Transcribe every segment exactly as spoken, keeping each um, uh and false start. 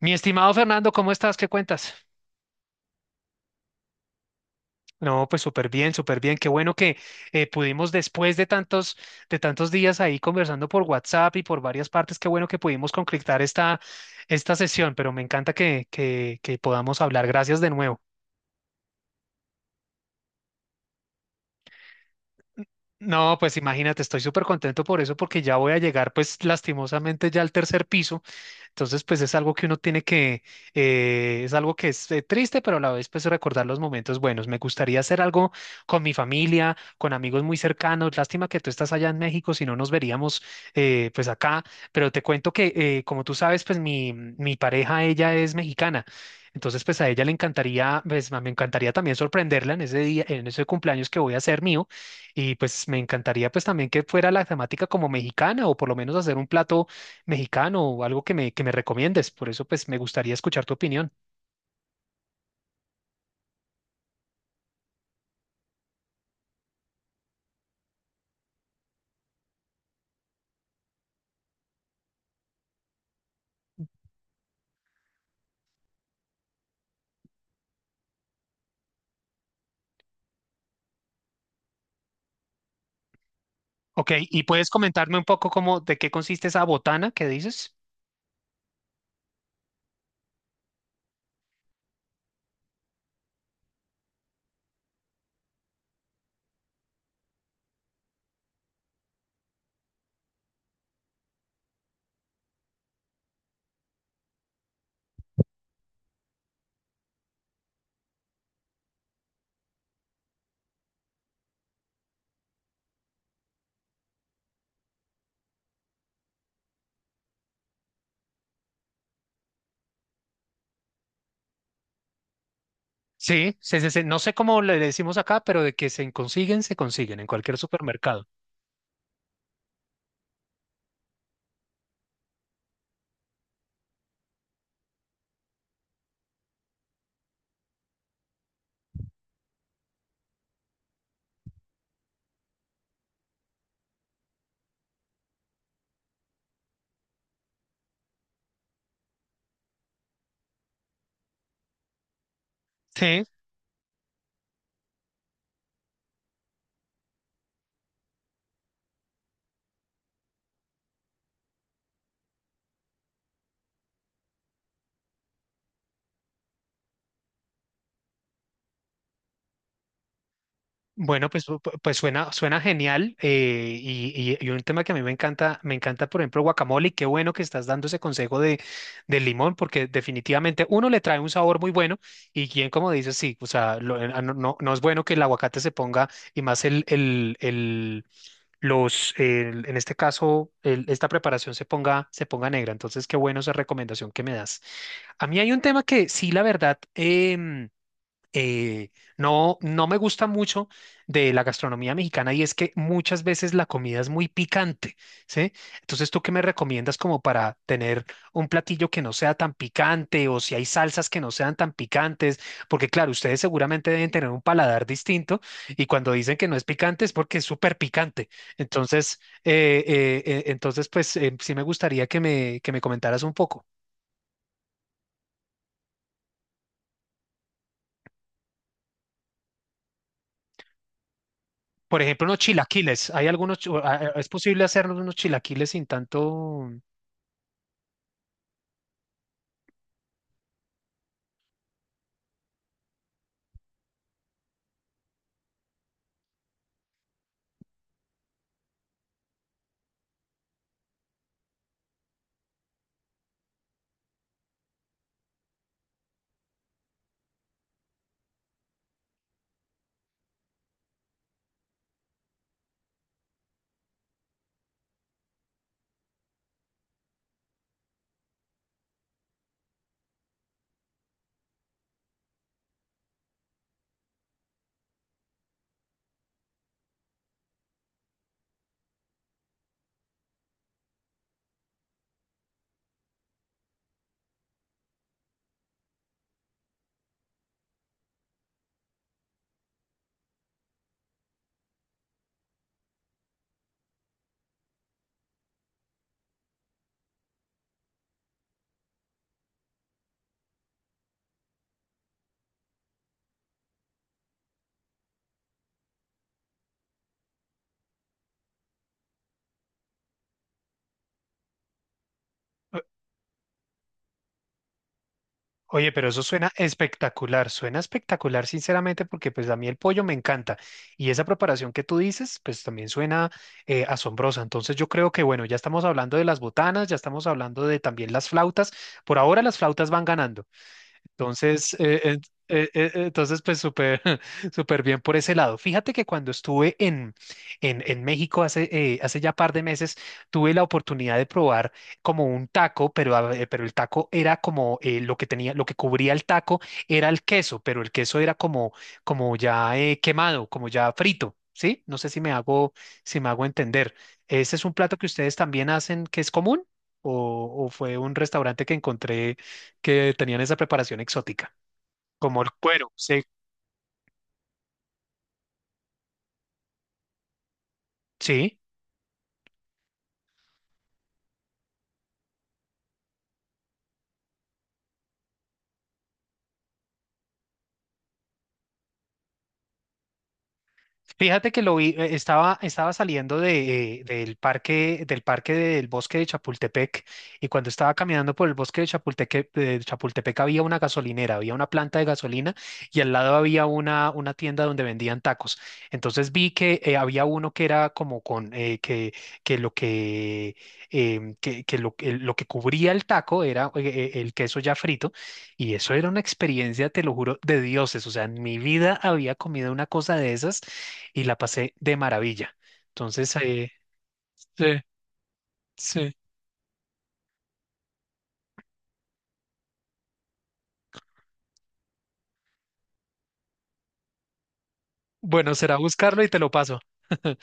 Mi estimado Fernando, ¿cómo estás? ¿Qué cuentas? No, pues súper bien, súper bien. Qué bueno que eh, pudimos después de tantos, de tantos días ahí conversando por WhatsApp y por varias partes, qué bueno que pudimos concretar esta, esta sesión, pero me encanta que, que, que podamos hablar. Gracias de nuevo. No, pues imagínate, estoy súper contento por eso porque ya voy a llegar pues lastimosamente ya al tercer piso. Entonces, pues es algo que uno tiene que, eh, es algo que es eh, triste, pero a la vez pues recordar los momentos buenos. Me gustaría hacer algo con mi familia, con amigos muy cercanos. Lástima que tú estás allá en México, si no nos veríamos eh, pues acá, pero te cuento que eh, como tú sabes, pues mi, mi pareja, ella es mexicana. Entonces, pues a ella le encantaría, pues me encantaría también sorprenderla en ese día, en ese cumpleaños que voy a hacer mío. Y pues me encantaría pues también que fuera la temática como mexicana o por lo menos hacer un plato mexicano o algo que me, que me recomiendes. Por eso, pues, me gustaría escuchar tu opinión. Ok, ¿y puedes comentarme un poco cómo, de qué consiste esa botana que dices? Sí, se- se- se- no sé cómo le decimos acá, pero de que se consiguen, se consiguen en cualquier supermercado. Sí. Bueno, pues, pu- pu- pues suena, suena genial eh, y, y- y un tema que a mí me encanta, me encanta, por ejemplo, guacamole y qué bueno que estás dando ese consejo de, del limón porque definitivamente uno le trae un sabor muy bueno y quien como dices, sí, o sea, lo- eh, no, no- no es bueno que el aguacate se ponga y más el, el, el- los, el- en este caso, el- esta preparación se ponga, se ponga negra. Entonces, qué bueno esa recomendación que me das. A mí hay un tema que sí, la verdad, em, eh, no, no me gusta mucho de la gastronomía mexicana y es que muchas veces la comida es muy picante, ¿sí? Entonces, ¿tú qué me recomiendas como para tener un platillo que no sea tan picante o si hay salsas que no sean tan picantes? Porque claro, ustedes seguramente deben tener un paladar distinto y cuando dicen que no es picante es porque es súper picante. Entonces, eh, eh, eh, entonces, pues eh, sí me gustaría que me, que me comentaras un poco. Por ejemplo, unos chilaquiles. Hay algunos, chi- a- a- es posible hacer unos chilaquiles sin tanto. O- Oye, pero eso suena espectacular, suena espectacular, sinceramente, porque pues a mí el pollo me encanta. Y esa preparación que tú dices, pues también suena eh, asombrosa. Entonces yo creo que, bueno, ya estamos hablando de las botanas, ya estamos hablando de también las flautas. Por ahora las flautas van ganando. Entonces, eh, en- eh, eh, entonces pues súper, súper bien por ese lado. Fíjate que cuando estuve en, en, en México hace, eh, hace ya par de meses, tuve la oportunidad de probar como un taco, pero, a- eh, pero el taco era como eh, lo que tenía, lo que cubría el taco era el queso, pero el queso era como, como ya eh, quemado, como ya frito. ¿Sí? No sé si me hago, si me hago entender. ¿Ese es un plato que ustedes también hacen que es común? ¿O, o fue un restaurante que encontré que tenían esa preparación exótica, como el cuero? Sí, sí. Fíjate que lo vi, eh, estaba, estaba saliendo de, eh, del parque, del parque del bosque de Chapultepec, y cuando estaba caminando por el bosque de Chapultepec, de Chapultepec había una gasolinera, había una planta de gasolina, y al lado había una, una tienda donde vendían tacos. Entonces vi que eh, había uno que era como con, eh, que, que lo que, em, que, que lo, que lo que cubría el taco era eh, eh, el queso ya frito, y eso era una experiencia, te lo juro, de dioses. O sea, en mi vida había comido una cosa de esas y la pasé de maravilla. Entonces, eh, sí, sí, bueno, será buscarlo y te lo paso.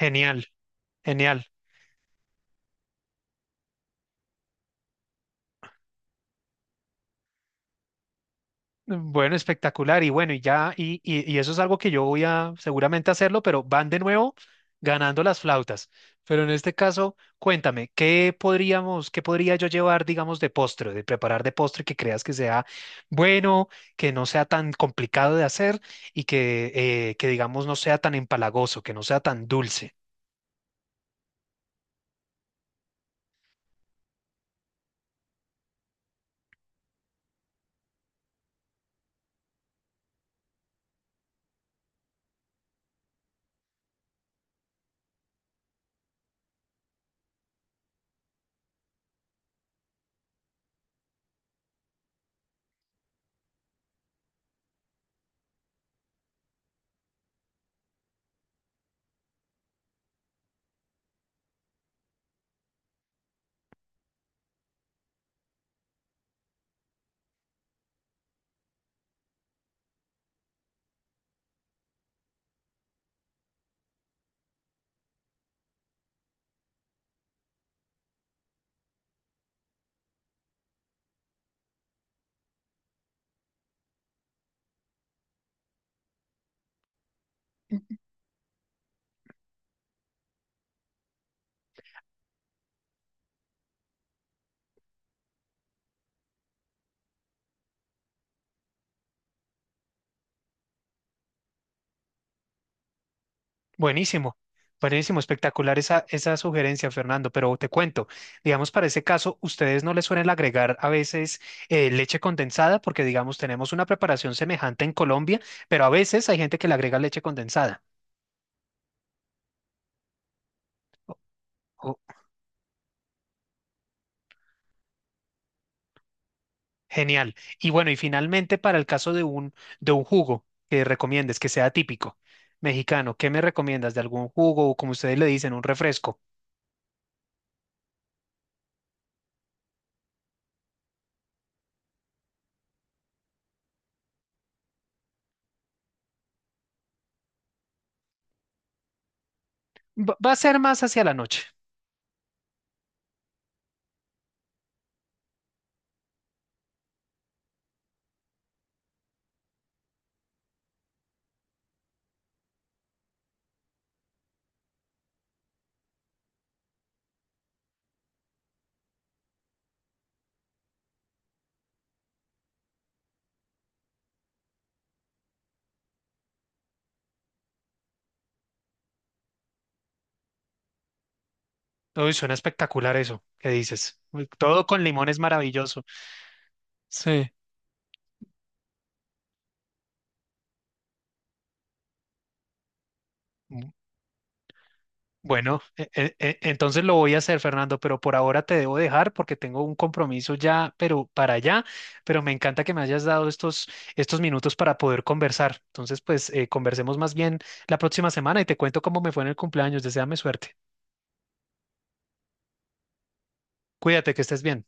Genial, genial. Bueno, espectacular. Y bueno, y ya, y, y, y eso es algo que yo voy a seguramente hacerlo, pero van de nuevo ganando las flautas. Pero en este caso, cuéntame, ¿qué podríamos, ¿qué podría yo llevar, digamos, de postre, de preparar de postre que creas que sea bueno, que no sea tan complicado de hacer y que, eh, que digamos, no sea tan empalagoso, que no sea tan dulce? Buenísimo, buenísimo, espectacular esa, esa sugerencia, Fernando. Pero te cuento, digamos, para ese caso, ustedes no les suelen agregar a veces eh, leche condensada, porque, digamos, tenemos una preparación semejante en Colombia, pero a veces hay gente que le agrega leche condensada. Oh, genial. Y bueno, y finalmente, para el caso de un, de un jugo que recomiendes, que sea típico mexicano, ¿qué me recomiendas de algún jugo o, como ustedes le dicen, un refresco? Va va a ser más hacia la noche. Uy, suena espectacular eso que dices. Uy, todo con limón es maravilloso. Sí. Bu- Bueno, e- e- e- entonces lo voy a hacer, Fernando, pero por ahora te debo dejar porque tengo un compromiso ya, pero para allá. Pero me encanta que me hayas dado estos, estos minutos para poder conversar. Entonces, pues eh, conversemos más bien la próxima semana y te cuento cómo me fue en el cumpleaños. Deséame suerte. Cuídate, que estés bien.